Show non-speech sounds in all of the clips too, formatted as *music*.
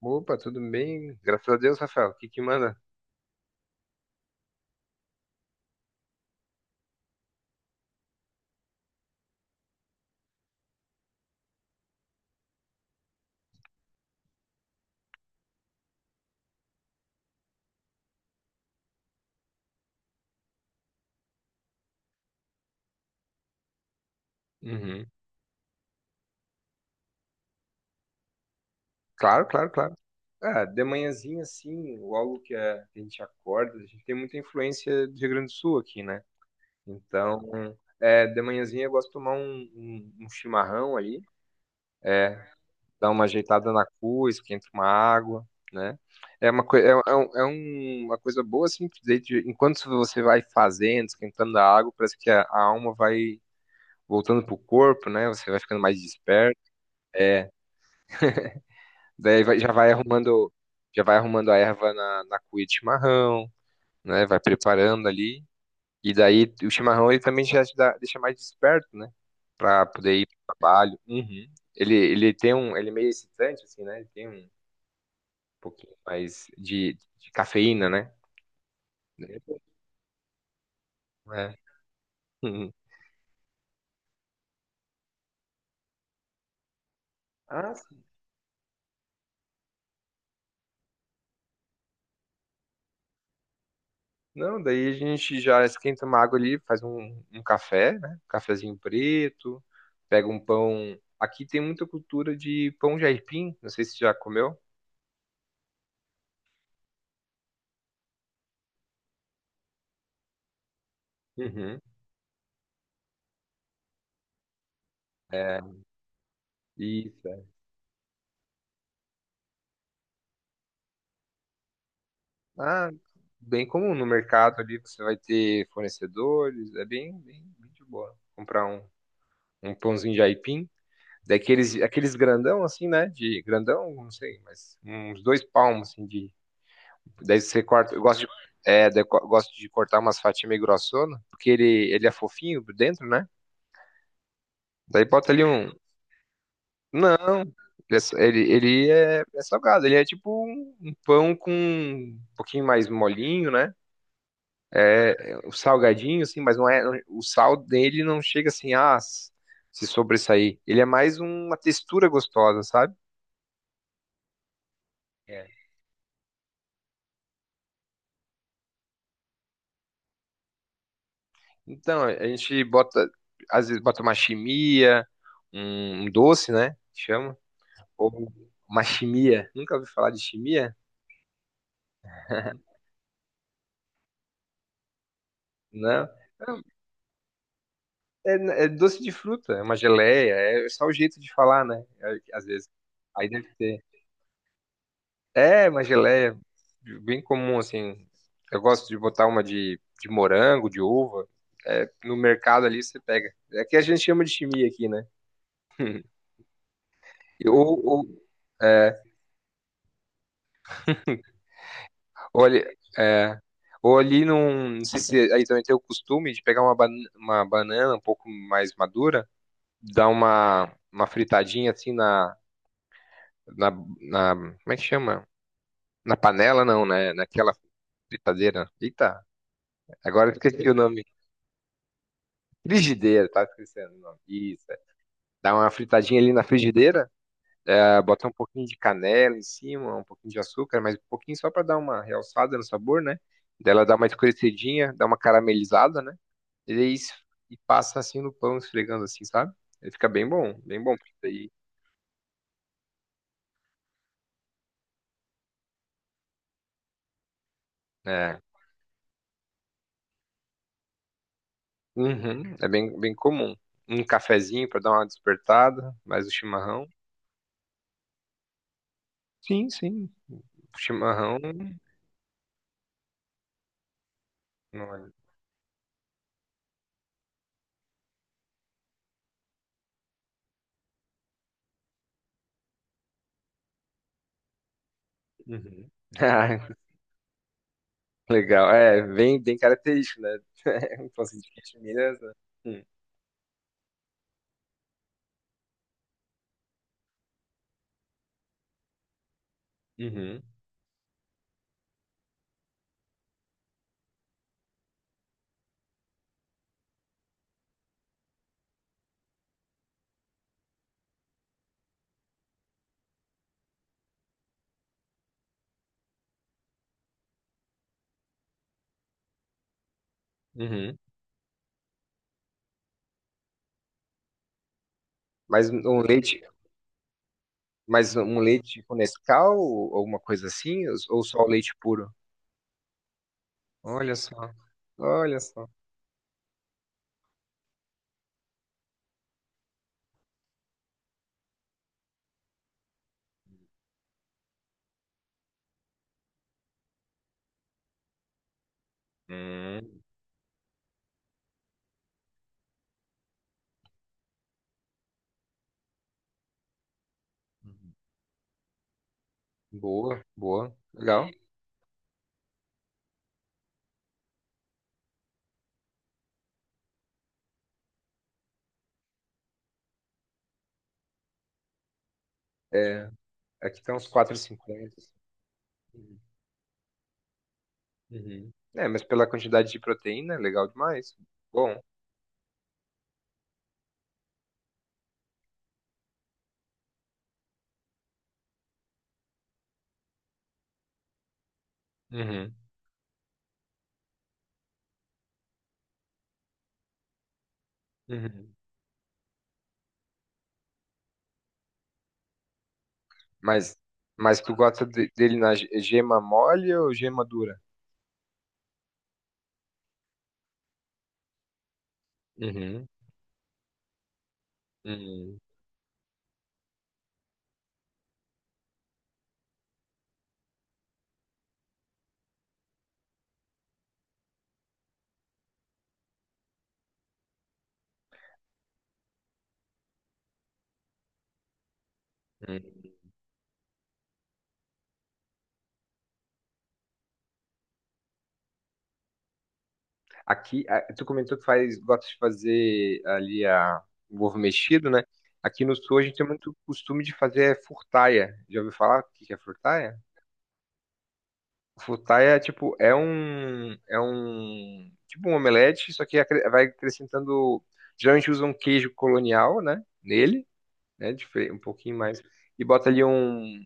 Opa, tudo bem? Graças a Deus, Rafael. O que que manda? Uhum. Claro, claro, claro. Ah, de manhãzinha, assim, logo que a gente acorda, a gente tem muita influência do Rio Grande do Sul aqui, né? Então, de manhãzinha eu gosto de tomar um chimarrão ali, é, dar uma ajeitada na cua, esquenta uma água, né? É uma, coi- é, é um- uma coisa boa, assim, que daí enquanto você vai fazendo, esquentando a água, parece que a alma vai voltando pro corpo, né? Você vai ficando mais desperto. É. Daí já vai arrumando a erva na cuia de chimarrão, né? Vai preparando ali. E daí o chimarrão ele também já te deixa mais desperto, né? Pra poder ir pro trabalho. Uhum. Ele tem ele é meio excitante, assim, né? Ele tem um pouquinho mais de cafeína, né? É. Uhum. *laughs* Ah. Não, daí a gente já esquenta uma água ali, faz um café, né? Cafezinho preto, pega um pão. Aqui tem muita cultura de pão de aipim, não sei se já comeu. Uhum. É, isso. É. Ah, bem comum no mercado ali, você vai ter fornecedores, é bem, bem, bem de boa. Comprar um pãozinho de aipim, daqueles, aqueles grandão assim, né? De grandão, não sei, mas uns 2 palmos assim de. Daí você corta. Eu gosto de cortar umas fatias meio grossona, porque ele é fofinho por dentro, né? Daí bota ali um. Não, ele é salgado, ele é tipo um pão com um pouquinho mais molinho, né? O salgadinho, assim, mas não é. O sal dele não chega assim, se sobressair. Ele é mais uma textura gostosa, sabe? É. Então, a gente bota, às vezes bota uma chimia, um doce, né? Que chama. Ou uma chimia. Nunca ouvi falar de chimia? Não. É, é doce de fruta, é uma geleia, é só o jeito de falar, né? É. Às vezes. Aí deve ter. É, uma geleia bem comum, assim. Eu gosto de botar uma de morango, de uva. É, no mercado ali você pega. É que a gente chama de chimia aqui, né? *laughs* E é, ou ali, é, ou ali num. Não sei se aí também tem o costume de pegar uma banana um pouco mais madura. Dá uma fritadinha assim na, na. Como é que chama? Na panela, não, né? Naquela fritadeira. Eita, agora eu esqueci o nome. Frigideira, tá esquecendo o nome. Isso. É. Dá uma fritadinha ali na frigideira, bota um pouquinho de canela em cima, um pouquinho de açúcar, mas um pouquinho só pra dar uma realçada no sabor, né? Daí ela dá uma escurecidinha, dá uma caramelizada, né? E daí passa assim no pão, esfregando assim, sabe? Ele fica bem bom, bem bom. Porque daí, né. Uhum. É bem, bem comum. Um cafezinho para dar uma despertada, mais o chimarrão. Sim, sim. O chimarrão. Não é-. Uhum. *laughs* Ah, legal. É, bem, bem característico, né? *laughs* Um assim, de leite Minas, né? Hum. Uhum, uhum. Mas um leite, mas um leite com Nescau ou alguma coisa assim, ou só o leite puro? Olha só, olha só. Hum, uhum. Boa, boa, legal. É, aqui tá uns 4,50. Uhum. É, mas pela quantidade de proteína, é legal demais. Bom. Uhum. Uhum. Mas, tu gosta dele na gema mole ou gema dura? Uhum. Uhum. Uhum. Aqui, tu comentou que faz, gosta de fazer ali o ovo mexido, né? Aqui no sul a gente tem muito costume de fazer furtaia. Já ouviu falar o que que é furtaia? Futai é tipo, tipo um omelete, só que vai acrescentando, geralmente usa um queijo colonial, né, nele, né, um pouquinho mais, e bota ali um,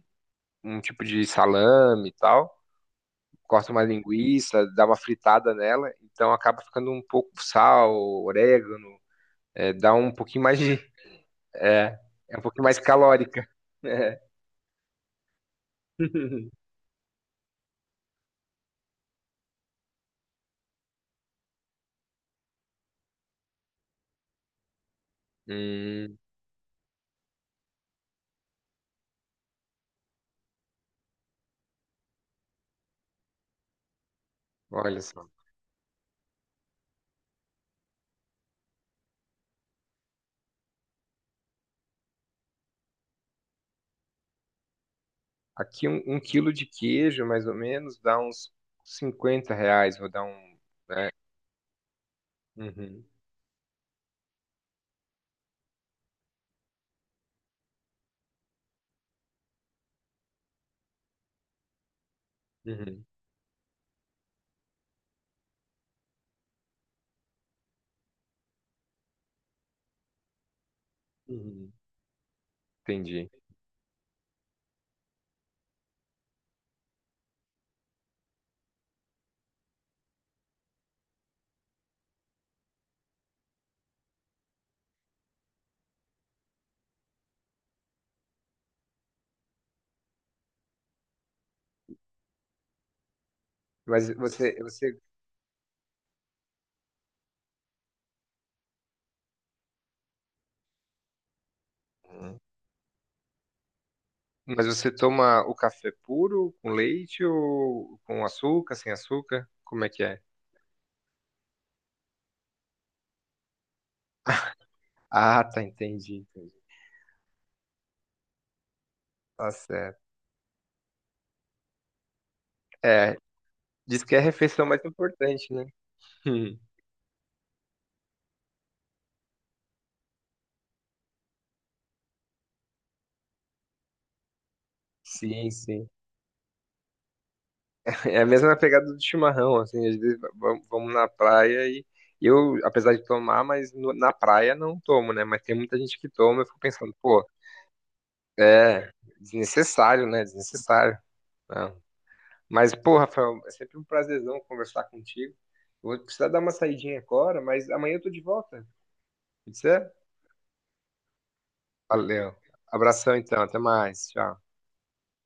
um tipo de salame e tal, corta uma linguiça, dá uma fritada nela, então acaba ficando um pouco sal, orégano, dá um pouquinho mais de. é, é um pouquinho mais calórica. *laughs* É. *laughs* Hum, olha só. Aqui um quilo de queijo, mais ou menos, dá uns 50 reais. Vou dar um. Uhum, uhum, uhum. Entendi. Mas você, Uhum. mas você toma o café puro com leite ou com açúcar, sem açúcar? Como é que é? Ah, tá, entendi, entendi. Tá certo. É, diz que é a refeição mais importante, né? *laughs* Hum. Sim, sim. É a mesma pegada do chimarrão, assim, às vezes vamos na praia e eu, apesar de tomar, mas na praia não tomo, né? Mas tem muita gente que toma, eu fico pensando, pô, é desnecessário, né? Desnecessário. Não. Mas, pô, Rafael, é sempre um prazerzão conversar contigo. Eu vou precisar dar uma saidinha agora, mas amanhã eu tô de volta. Pode ser? Valeu. Abração então, até mais. Tchau.